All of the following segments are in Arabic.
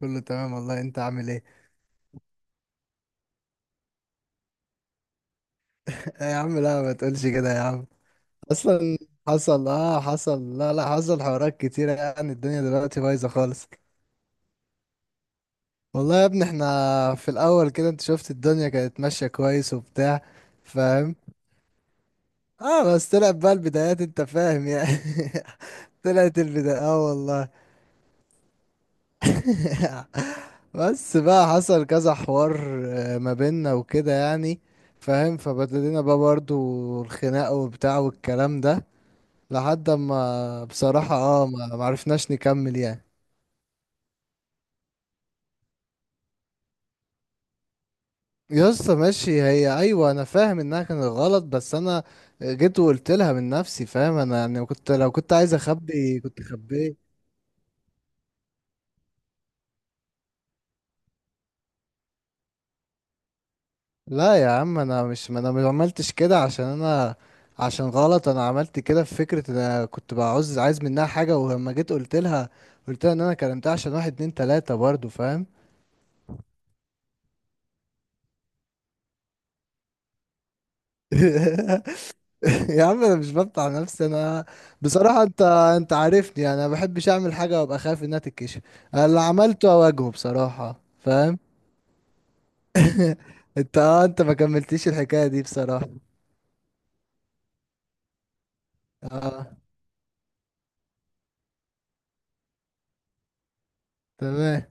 كله تمام والله، انت عامل ايه؟ يا عم لا ما تقولش كده يا عم. اصلا حصل، حصل، لا لا، حصل حوارات كتيرة، يعني الدنيا دلوقتي بايظة خالص. والله يا ابني، احنا في الاول كده انت شفت الدنيا كانت ماشية كويس وبتاع، فاهم؟ اه بس طلعت بقى البدايات، انت فاهم يعني. طلعت البداية، والله. بس بقى حصل كذا حوار، ما بيننا وكده يعني، فاهم؟ فبدلنا بقى برضو الخناقة وبتاع والكلام ده، لحد ما بصراحة، ما عرفناش نكمل يعني. يا اسطى ماشي، هي ايوه، انا فاهم انها كانت غلط، بس انا جيت وقلت لها من نفسي، فاهم؟ انا يعني كنت، لو كنت عايز اخبي كنت خبيه. لا يا عم، انا مش، ما عملتش كده عشان انا، عشان غلط. انا عملت كده في فكرة ان انا كنت بعوز، عايز منها حاجة، ولما جيت قلت لها، قلت لها ان انا كلمتها عشان واحد اتنين تلاتة، برضو فاهم. يا عم انا مش بفتح نفسي، انا بصراحة، انت عارفني. انا ما بحبش اعمل حاجة وابقى خايف انها تتكشف. أنا اللي عملته اواجهه بصراحة، فاهم؟ انت ما كملتيش الحكاية دي بصراحة. اه تمام.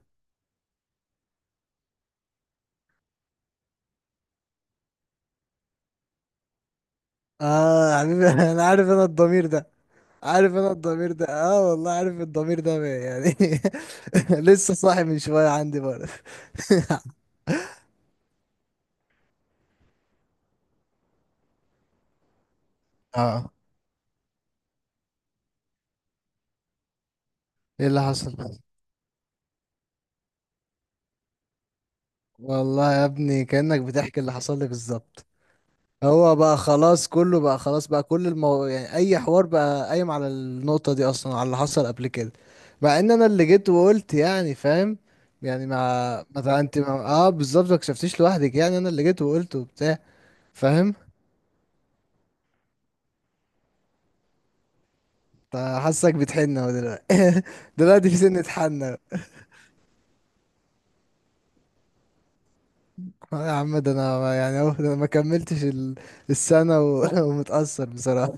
اه يا حبيبي. انا عارف، انا الضمير ده عارف، انا الضمير ده، والله. عارف الضمير ده يعني. لسه صاحي من شوية، عندي برضه. اه، ايه اللي حصل؟ والله يا ابني كأنك بتحكي اللي حصل لي بالظبط. هو بقى خلاص، كله بقى خلاص، بقى كل يعني اي حوار بقى قايم على النقطة دي اصلا، على اللي حصل قبل كده. مع ان انا اللي جيت وقلت، يعني فاهم، يعني ما تع- انت ما... اه بالظبط، ما كشفتيش لوحدك، يعني انا اللي جيت وقلت وبتاع، فاهم؟ فحاسك بتحن اهو دلوقتي. دلوقتي في سنة حن أهو. آه يا عم، ده انا ما- يعني اهو ده انا ما كملتش السنة ومتأثر بصراحة.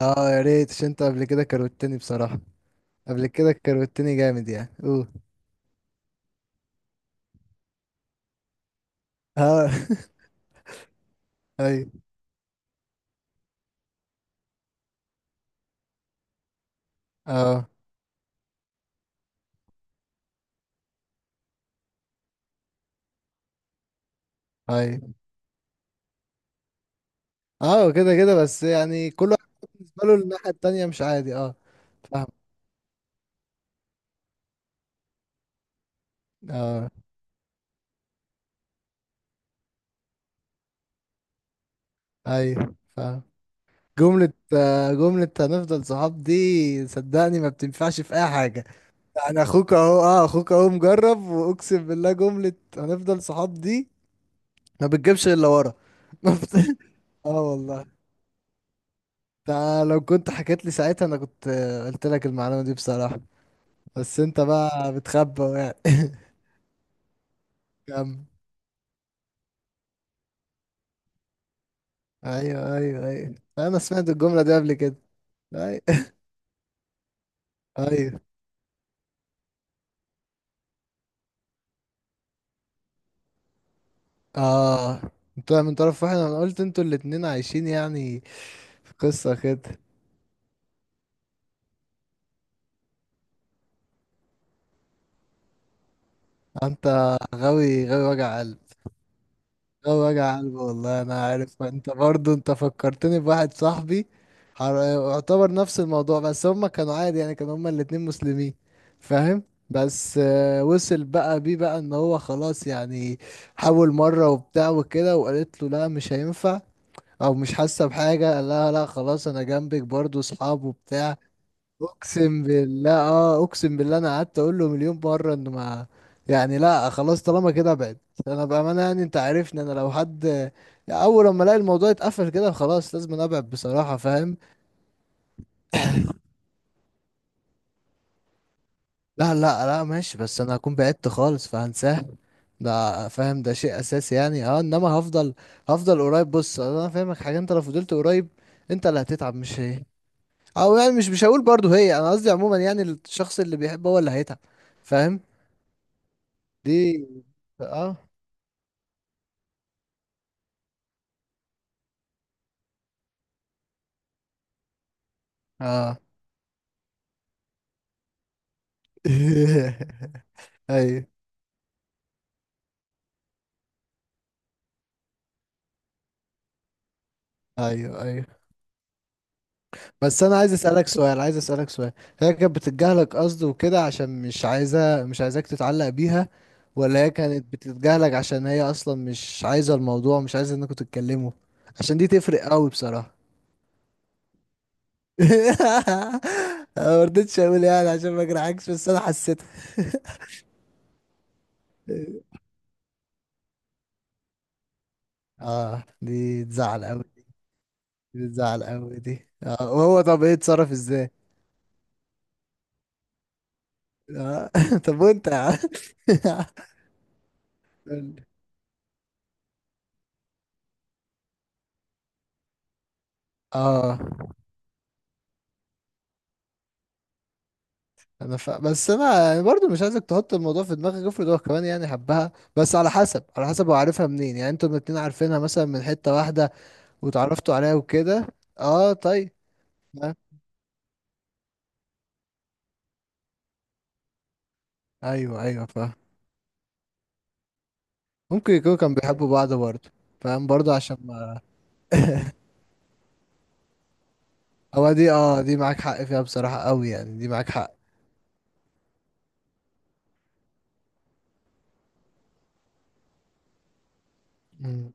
اه يا ريت، عشان انت قبل كده كروتني بصراحة. قبل كده كروتني جامد يعني، اوه. اه اي اه اي اه كده كده بس، يعني كل واحد بالنسبه له الناحيه التانية مش عادي، اه فاهم. اه اي فاهم. جملة، جملة هنفضل صحاب دي صدقني ما بتنفعش في اي حاجة. يعني اخوك اهو، اخوك اهو مجرب، واقسم بالله جملة هنفضل صحاب دي ما بتجيبش الا ورا. ما بت- اه والله. ده لو كنت حكيت لي ساعتها، انا كنت، قلت لك المعلومة دي بصراحة. بس انت بقى بتخبى يعني. كمل. ايوه ايوه ايوه، انا سمعت الجمله دي قبل كده. ايوه. ايوه، اه. انت من طرف واحد، انا قلت انتوا الاتنين عايشين يعني، في قصه كده. انت غاوي، غاوي وجع قلب. غاوي وجع قلب والله، انا عارف. انت برضو فكرتني بواحد صاحبي. حر- يعتبر نفس الموضوع، بس هما كانوا عادي يعني، كانوا هما الاتنين مسلمين، فاهم؟ بس، وصل بقى بيه بقى ان هو خلاص يعني، حاول مرة وبتاع وكده، وقالت له لا مش هينفع او مش حاسه بحاجه. قال لها لا خلاص، انا جنبك برضو، اصحاب وبتاع. اقسم بالله، اقسم بالله، انا قعدت اقول له مليون مره انه ما، يعني لا خلاص طالما كده ابعد. انا بامانه يعني، انت عارفني، انا لو حد، يعني اول لما الاقي الموضوع اتقفل كده، خلاص لازم أنا ابعد بصراحه، فاهم. لا لا لا ماشي، بس انا هكون بعدت خالص فهنساه، ده فاهم، ده شيء اساسي يعني، انما هفضل، قريب. بص انا فاهمك حاجه، انت لو فضلت قريب انت اللي هتتعب مش هي، او يعني مش هقول برضو هي، انا قصدي عموما يعني الشخص اللي بيحب هو اللي هيتعب، فاهم. دي، اه اه ايوه ايوه ايوه. بس انا عايز اسالك سؤال، عايز اسالك سؤال. هي كانت بتتجاهلك قصد وكده عشان مش عايزه، مش عايزاك تتعلق بيها، ولا هي كانت بتتجاهلك عشان هي اصلا مش عايزه الموضوع، مش عايزه انكم تتكلموا؟ عشان دي تفرق قوي بصراحه. أنا ما رضيتش اقول يعني عشان ما اجرحكش، بس انا حسيتها. اه دي تزعل قوي. دي تزعل قوي، دي اه وهو طب ايه اتصرف ازاي؟ اه. طب وانت يا عم؟ قول لي. اه، انا بس انا يعني برضو مش عايزك تحط الموضوع في دماغك. افرض هو كمان يعني حبها، بس على حسب هو عارفها منين. يعني انتوا الاتنين عارفينها مثلا من حتة واحدة واتعرفتوا عليها وكده. اه طيب. آه. ايوه ايوه فاهم. ممكن يكونوا كانوا بيحبوا بعض برضه، فاهم، برضه عشان ما، هو دي معاك حق فيها بصراحة قوي، يعني دي معاك حق. مم.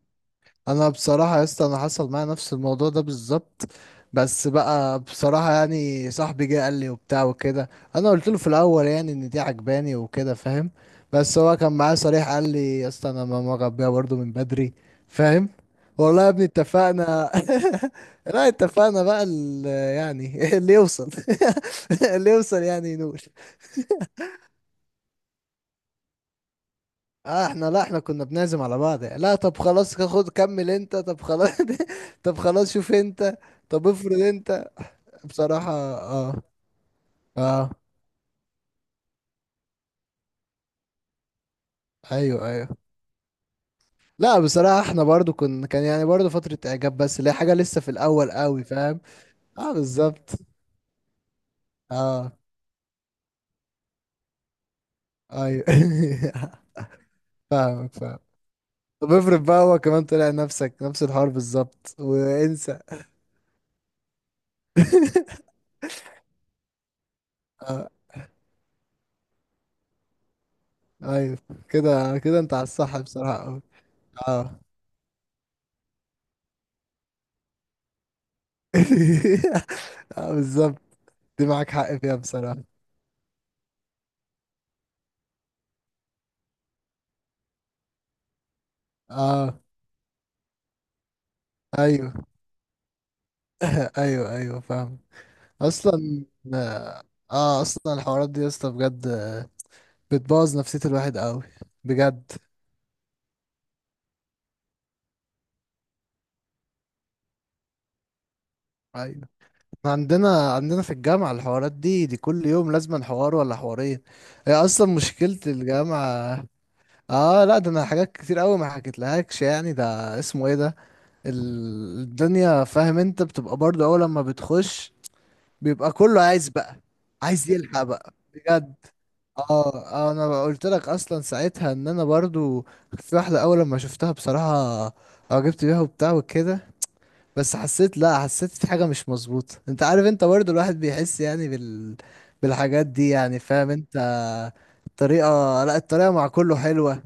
انا بصراحه يا اسطى، انا حصل معايا نفس الموضوع ده بالظبط. بس بقى بصراحه يعني، صاحبي جه قال لي وبتاع وكده. انا قلت له في الاول يعني ان دي عجباني وكده، فاهم؟ بس هو كان معايا صريح، قال لي يا اسطى انا ماما غبيه برضو من بدري، فاهم؟ والله يا ابني اتفقنا. لا اتفقنا بقى يعني اللي يوصل. اللي يوصل يعني ينول. اه، احنا لا احنا كنا بنعزم على بعض يعني. لا طب خلاص، خد كمل انت، طب خلاص. طب خلاص شوف انت. طب افرض انت، بصراحة، اه. اه ايوه ايوه. لا بصراحة احنا برضو كنا، كان يعني برضو فترة اعجاب، بس اللي هي حاجة لسه في الاول قوي، فاهم. اه بالظبط. اه ايوه. فاهمك فاهم. طب افرض بقى هو كمان طلع نفسك، نفس الحوار بالظبط، وانسى. اه ايوه، كده كده انت على الصح بصراحة قوي. اه اه بالظبط. دي معاك حق فيها بصراحة. اه ايوه. ايوه ايوه فاهم. اصلا، اه اصلا الحوارات دي يا اسطى بجد، بتبوظ نفسية الواحد قوي. بجد ايوه. إحنا عندنا في الجامعة الحوارات دي، كل يوم لازم حوار ولا حوارين. هي اصلا مشكلة الجامعة. اه لا، ده انا حاجات كتير قوي ما حكيتلهاكش، يعني ده اسمه ايه ده، الدنيا، فاهم؟ انت بتبقى برضه اول لما بتخش بيبقى كله عايز بقى، عايز يلحق بقى بجد. اه، انا بقى قلت لك اصلا ساعتها ان انا برضو، في واحده اول لما شفتها بصراحه، اه جبت بيها وبتاع وكده. بس حسيت، لا حسيت في حاجه مش مظبوطه. انت عارف انت برضو الواحد بيحس يعني بالحاجات دي، يعني فاهم انت، الطريقه. لا الطريقه مع كله حلوه.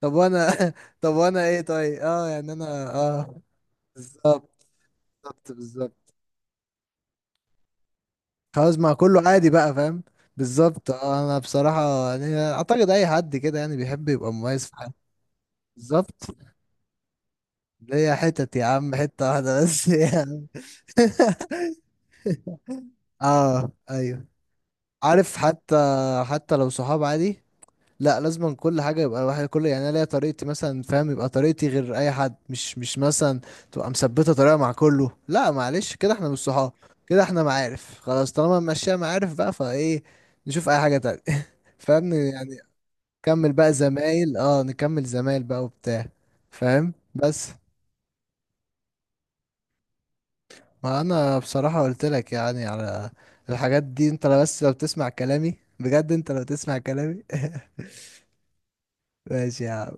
طب وانا، طب وانا ايه طيب؟ اه يعني انا، اه، بالظبط، بالظبط بالظبط. خلاص مع كله عادي بقى، فاهم. بالظبط، انا بصراحة يعني اعتقد اي حد كده يعني بيحب يبقى مميز في حاجة. بالظبط، ليا حتت يا عم، حتة واحدة بس يعني. اه ايوه، عارف، حتى لو صحاب عادي. لا لازم كل حاجة، يبقى الواحد كل، يعني انا ليا طريقتي مثلا، فاهم؟ يبقى طريقتي غير اي حد، مش مثلا تبقى مثبتة طريقة مع كله. لا معلش، كده احنا مش صحاب، كده احنا معارف، خلاص طالما ماشية معارف بقى فايه، نشوف اي حاجة تانية. فاهم يعني. كمل بقى زمايل، نكمل زمايل بقى وبتاع، فاهم؟ بس ما انا بصراحة قلت لك يعني على الحاجات دي. انت لو بتسمع كلامي بجد، انت لو تسمع كلامي. ماشي يا عم.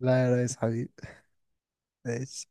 لا يا ريس حبيبي. ماشي.